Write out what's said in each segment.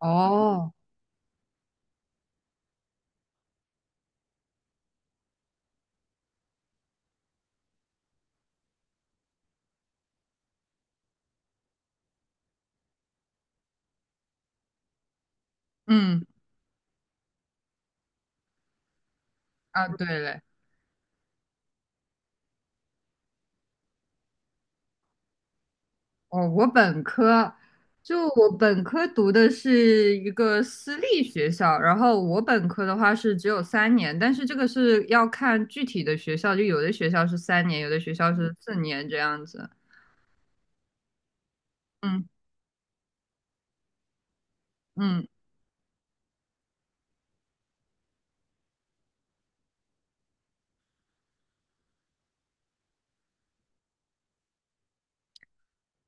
哦。嗯啊，对嘞。哦，我本科就我本科读的是一个私立学校，然后我本科的话是只有三年，但是这个是要看具体的学校，就有的学校是三年，有的学校是四年这样子。嗯嗯，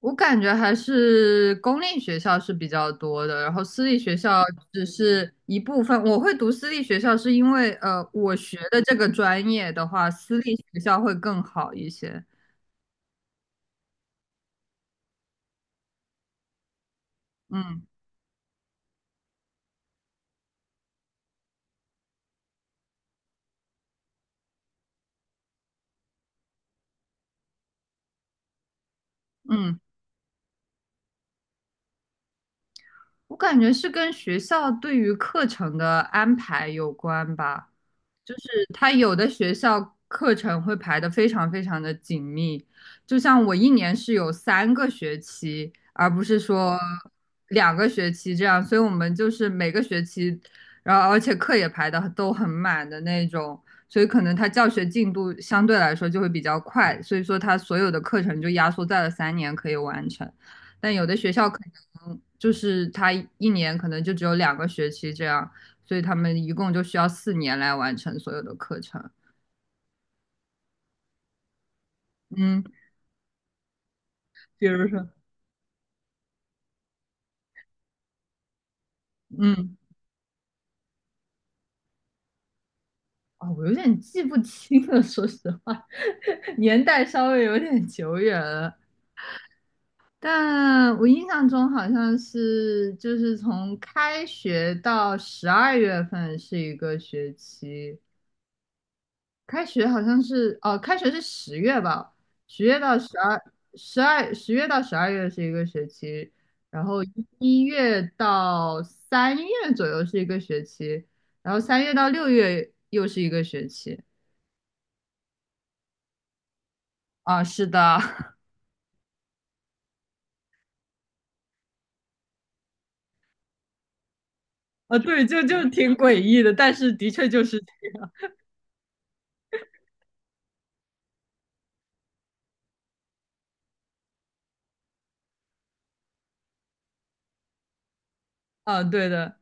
我感觉还是公立学校是比较多的，然后私立学校只是一部分。我会读私立学校是因为我学的这个专业的话，私立学校会更好一些。嗯嗯，我感觉是跟学校对于课程的安排有关吧，就是它有的学校课程会排的非常非常的紧密，就像我一年是有3个学期，而不是说两个学期这样，所以我们就是每个学期，然后而且课也排的都很满的那种，所以可能它教学进度相对来说就会比较快，所以说它所有的课程就压缩在了三年可以完成。但有的学校可能就是他一年可能就只有两个学期这样，所以他们一共就需要四年来完成所有的课程。嗯，比如说。嗯。啊、我有点记不清了，说实话。年代稍微有点久远了。但我印象中好像是，就是从开学到12月份是一个学期，开学好像是哦，开学是十月吧，十月到十二，十月到十二月是一个学期，然后一月到三月左右是一个学期，然后三月到6月又是一个学期。啊，是的。啊，对，就挺诡异的，但是的确就是。啊，对的。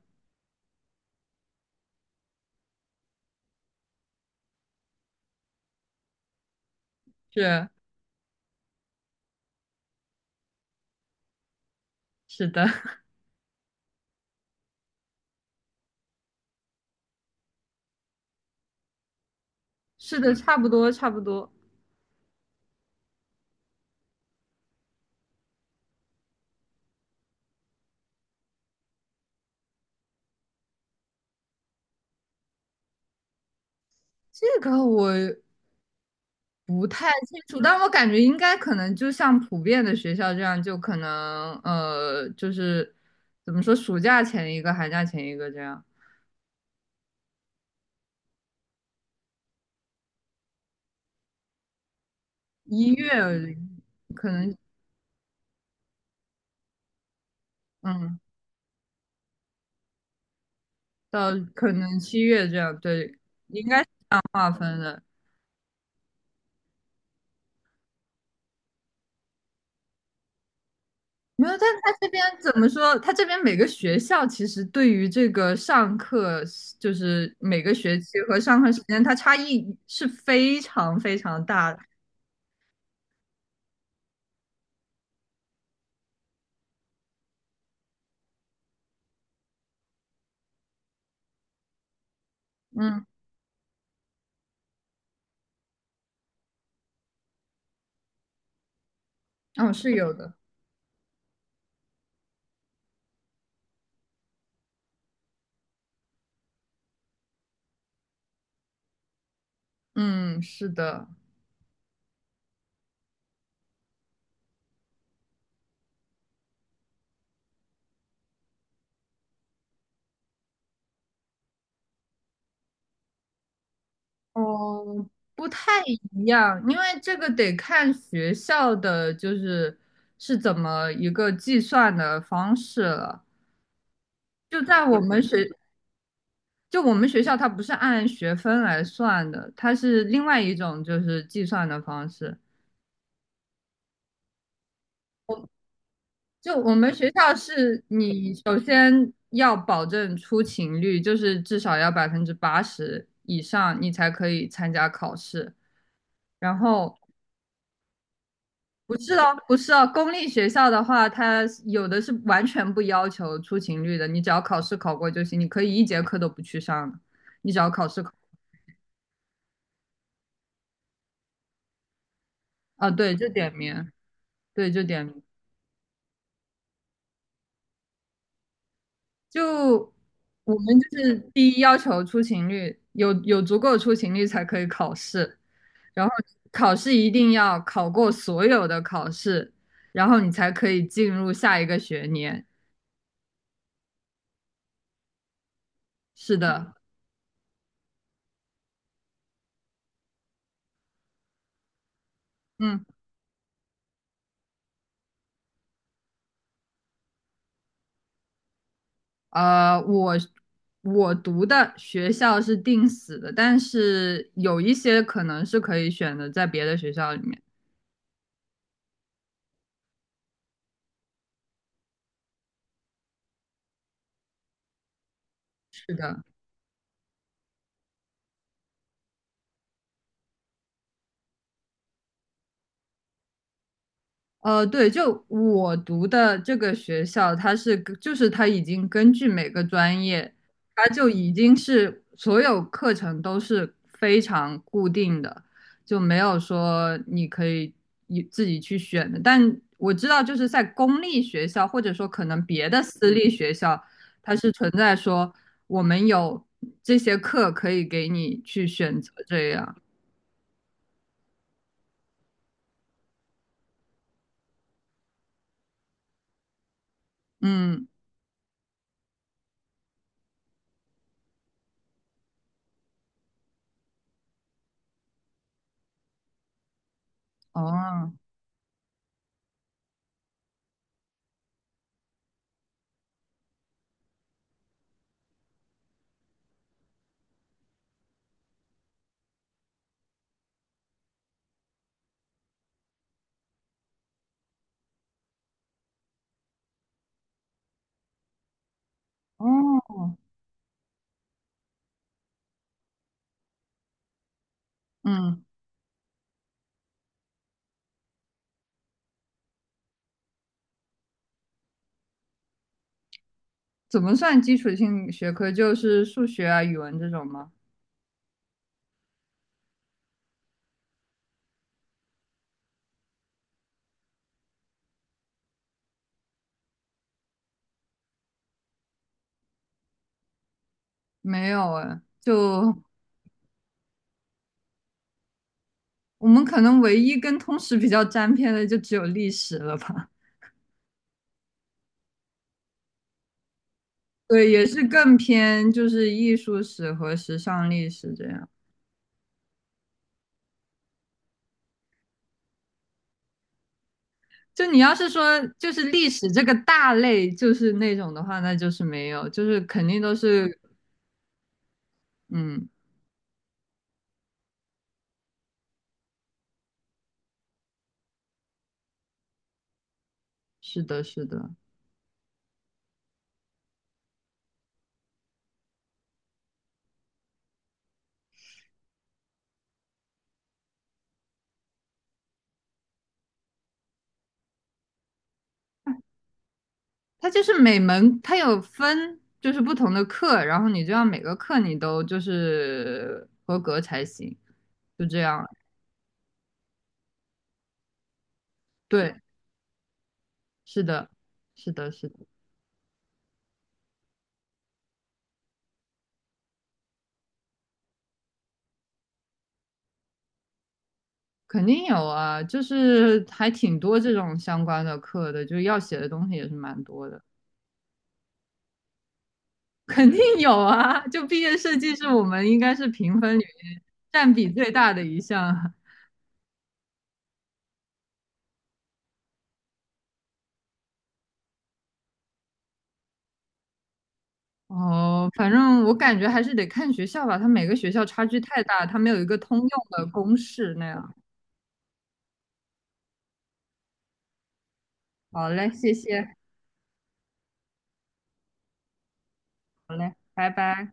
是是的，是的，差不多差不多。这个我不太清楚，但我感觉应该可能就像普遍的学校这样，就可能就是怎么说，暑假前一个，寒假前一个这样，一月可能嗯到可能7月这样，对，应该是划分的。没有，但他这边怎么说？他这边每个学校其实对于这个上课，就是每个学期和上课时间，它差异是非常非常大的。嗯。哦，是有的。嗯，是的。哦，不太一样，因为这个得看学校的，就是是怎么一个计算的方式了。就在我们学，就我们学校，它不是按学分来算的，它是另外一种就是计算的方式。就我们学校是你首先要保证出勤率，就是至少要80%以上，你才可以参加考试。然后不是哦，不是哦，公立学校的话，它有的是完全不要求出勤率的，你只要考试考过就行，你可以一节课都不去上的，你只要考试考啊，对，就点名，对，就点名。就我们就是第一要求出勤率，有足够出勤率才可以考试，然后考试一定要考过所有的考试，然后你才可以进入下一个学年。是的。嗯。呃，我我读的学校是定死的，但是有一些可能是可以选的，在别的学校里面。是的。对，就我读的这个学校，它是根就是它已经根据每个专业，它就已经是所有课程都是非常固定的，就没有说你可以你自己去选的。但我知道，就是在公立学校，或者说可能别的私立学校，它是存在说我们有这些课可以给你去选择这样。嗯。哦。哦。嗯。怎么算基础性学科？就是数学啊、语文这种吗？没有哎，就我们可能唯一跟通识比较沾边的，就只有历史了吧？对，也是更偏就是艺术史和时尚历史这样。就你要是说就是历史这个大类，就是那种的话，那就是没有，就是肯定都是。嗯，是的，是的。它就是每门它有分，就是不同的课，然后你就要每个课你都就是合格才行，就这样。对，是的，是的，是的。肯定有啊，就是还挺多这种相关的课的，就是要写的东西也是蛮多的。肯定有啊。就毕业设计是我们应该是评分里面占比最大的一项啊。哦，反正我感觉还是得看学校吧，它每个学校差距太大，它没有一个通用的公式那样。好嘞，谢谢。好嘞，拜拜。